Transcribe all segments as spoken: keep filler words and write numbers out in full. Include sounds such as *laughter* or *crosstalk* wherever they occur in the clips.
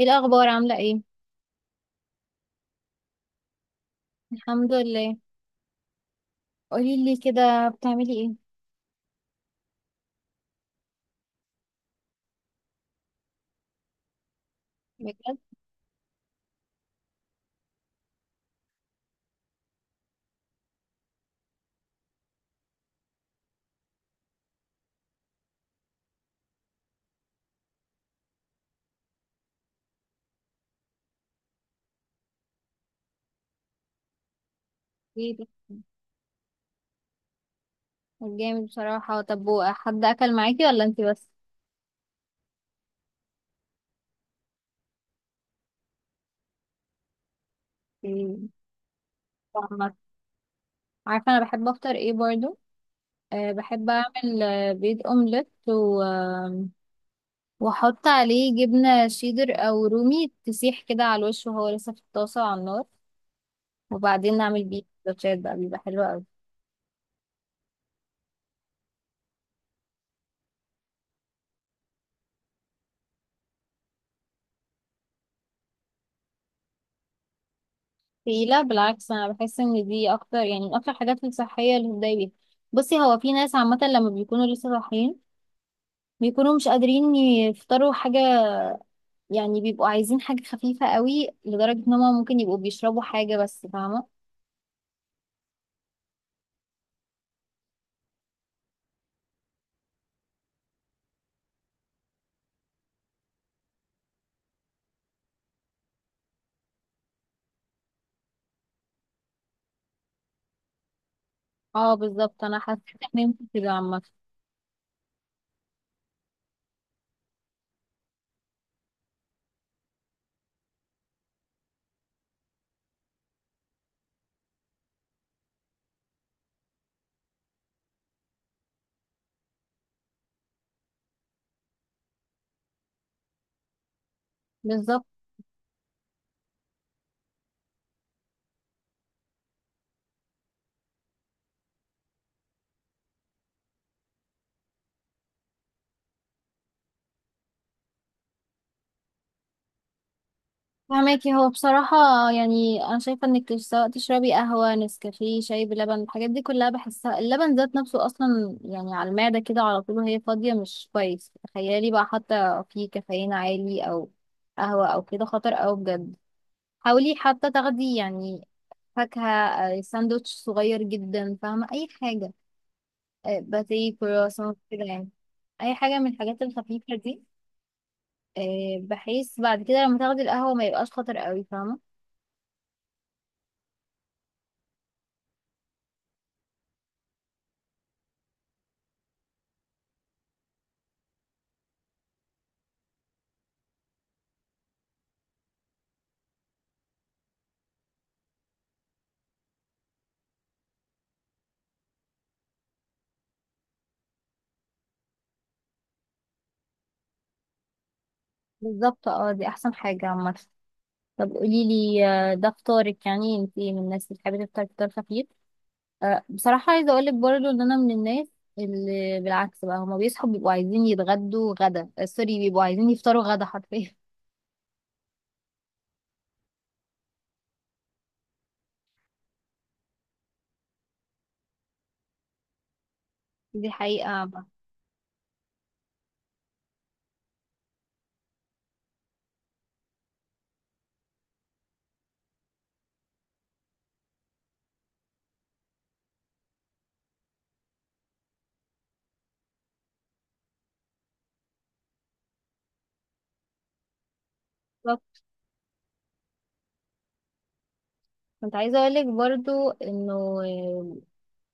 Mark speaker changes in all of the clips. Speaker 1: ايه الاخبار؟ عامله ايه؟ الحمد لله. قولي لي كده، بتعملي ايه؟ بجد؟ ايه ده؟ طب جامد بصراحه. طب حد اكل معاكي ولا انتي بس؟ إيه، طعمك. عارفه انا بحب افطر ايه برضو؟ أه، بحب اعمل آه، بيض اومليت و... آم، واحط عليه جبنه شيدر او رومي تسيح كده على الوش وهو لسه في الطاسه على النار، وبعدين اعمل بيه سندوتشات بقى، بيبقى حلو قوي. في، لا بالعكس، انا بحس ان دي اكتر، يعني من اكتر حاجات الصحيه اللي بتضايق بيها. بصي، هو في ناس عامه لما بيكونوا لسه صاحيين بيكونوا مش قادرين يفطروا حاجه، يعني بيبقوا عايزين حاجه خفيفه قوي لدرجه ان هم ممكن يبقوا بيشربوا حاجه بس، فاهمه؟ اه بالظبط، انا حاسه ان انت كده عامه. بالظبط. فهماكي، هو بصراحة يعني أنا شايفة إنك سواء تشربي قهوة نسكافيه شاي بلبن، الحاجات دي كلها بحسها اللبن ذات نفسه أصلا يعني على المعدة كده على طول وهي فاضية مش كويس. تخيلي بقى حتى فيه كافيين عالي أو قهوة أو كده، خطر أوي بجد. حاولي حتى تاخدي يعني فاكهة، آه، ساندوتش صغير جدا، فاهمة؟ أي حاجة، آه، باتيه كرواسون كده يعني. أي حاجة من الحاجات الخفيفة دي، آه، بحيث بعد كده لما تاخدي القهوة ما يبقاش خطر أوي، فاهمة؟ بالظبط، اه دي احسن حاجة عامة. طب قولي لي، آه، ده فطارك؟ يعني انت من الناس اللي بتحبي تفطر فطار خفيف؟ آه، بصراحة عايزة اقولك برضو ان انا من الناس اللي بالعكس بقى هما بيصحوا بيبقوا عايزين يتغدوا غدا، آه، سوري، بيبقوا عايزين يفطروا غدا حرفيا. *laughs* دي حقيقة عامة. بالظبط. كنت عايزة اقولك برضو انه آه،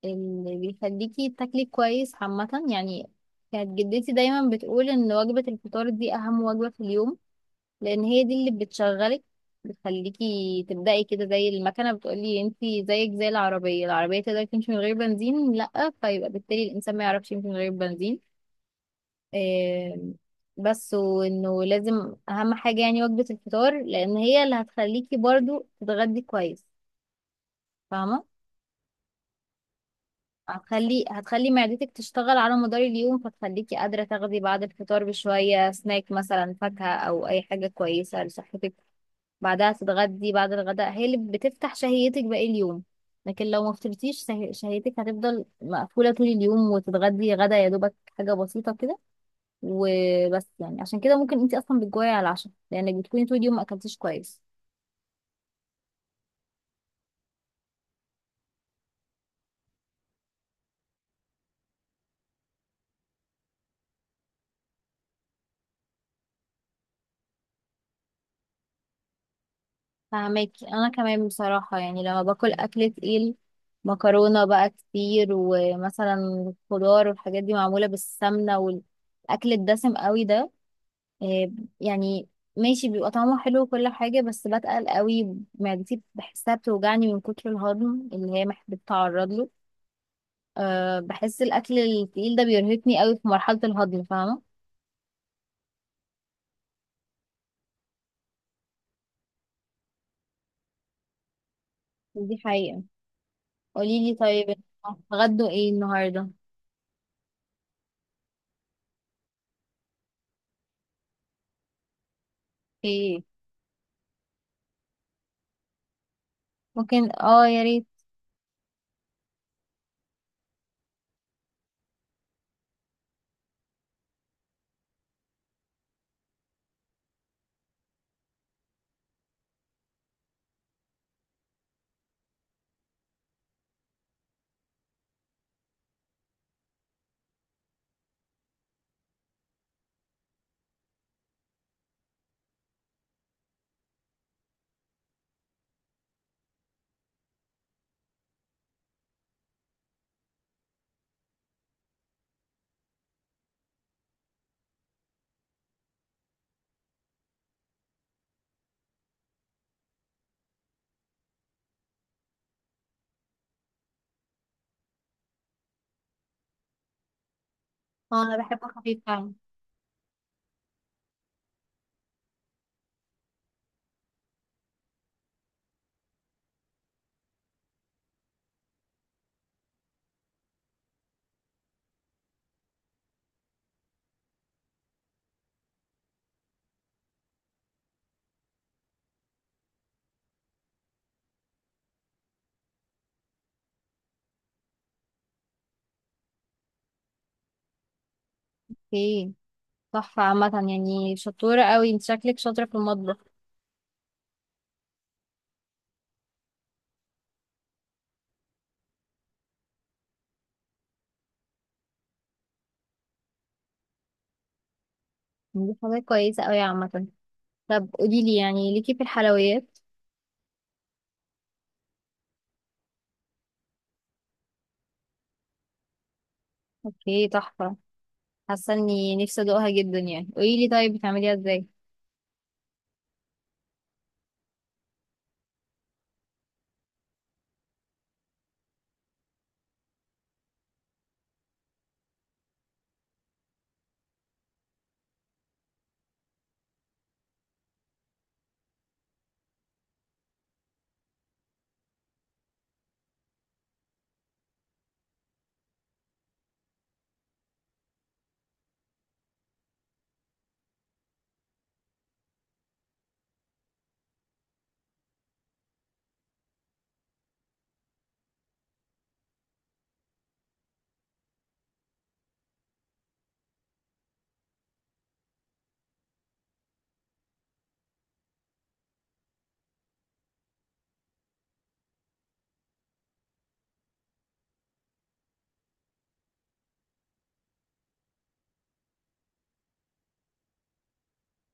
Speaker 1: اللي بيخليكي تاكلي كويس عامة، يعني كانت جدتي دايما بتقول ان وجبة الفطار دي اهم وجبة في اليوم، لان هي دي اللي بتشغلك، بتخليكي تبدأي كده زي المكنة. بتقولي انتي زيك زي العربية؟ العربية تقدر تمشي من غير بنزين؟ لأ، فيبقى بالتالي الإنسان ما يعرفش يمشي من غير بنزين. آم، بس، وانه لازم أهم حاجة يعني وجبة الفطار، لأن هي اللي هتخليكي برضو تتغدي كويس، فاهمة؟ هتخلي هتخلي معدتك تشتغل على مدار اليوم، فتخليكي قادرة تاخدي بعد الفطار بشوية سناك، مثلا فاكهة أو أي حاجة كويسة لصحتك. بعدها تتغدي، بعد الغداء هي اللي بتفتح شهيتك باقي اليوم. لكن لو ما فطرتيش شه- شهيتك هتفضل مقفولة طول اليوم، وتتغدي غدا يا دوبك حاجة بسيطة كده وبس، يعني عشان كده ممكن انتي اصلا بتجوعي على العشاء لانك بتكوني طول اليوم ما اكلتيش كويس. فهماكي، انا كمان بصراحة يعني لما باكل اكل تقيل، مكرونة بقى كتير ومثلا خضار والحاجات دي معمولة بالسمنة والاكل الدسم قوي ده، آه، يعني ماشي بيبقى طعمه حلو وكل حاجة، بس بتقل قوي معدتي، بحسها بتوجعني من كتر الهضم اللي هي مح- بتتعرض له. أه، بحس الأكل التقيل ده بيرهقني قوي في مرحلة الهضم، فاهمة؟ دي حقيقة. قوليلي طيب، انتوا هتتغدوا ايه النهاردة؟ ايه؟ ممكن، اه يا ريت. اه، انا بحبه خفيف فعلا. ايه؟ تحفة عامة يعني، شطورة قوي، انت شكلك شاطرة في المطبخ. دي حاجة كويسة قوي عامة. طب قوليلي، يعني ليكي في الحلويات؟ اوكي، تحفة. حاسه اني نفسي ادوقها جدا، يعني قولي لي طيب، بتعمليها ازاي؟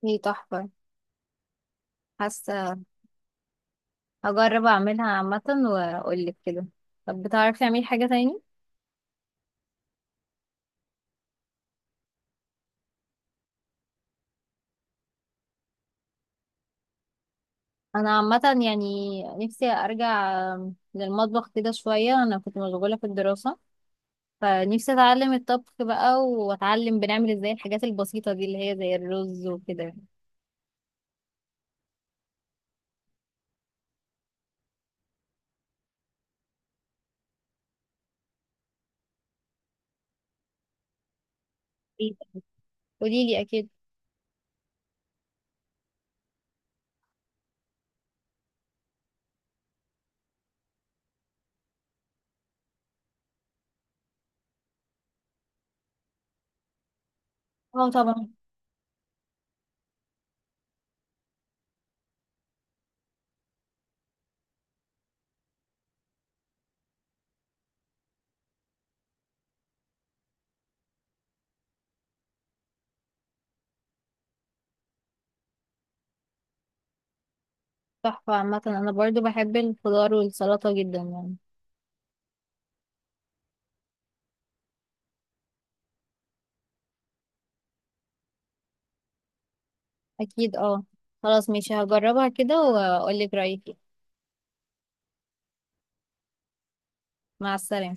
Speaker 1: هي تحفه. حاسه هجرب اعملها عامه واقول لك كده. طب بتعرفي تعملي حاجه تاني؟ انا عامه يعني نفسي ارجع آم، للمطبخ كده شويه، انا كنت مشغوله في الدراسه، فنفسي اتعلم الطبخ بقى واتعلم بنعمل ازاي الحاجات البسيطه دي اللي هي زي الرز وكده. قولي لي اكيد. اه طبعا. تحفه عامه، انا برضو بحب الخضار والسلطه جدا يعني. اكيد اه. خلاص ماشي، هجربها كده واقول لك رأيي. مع السلامة.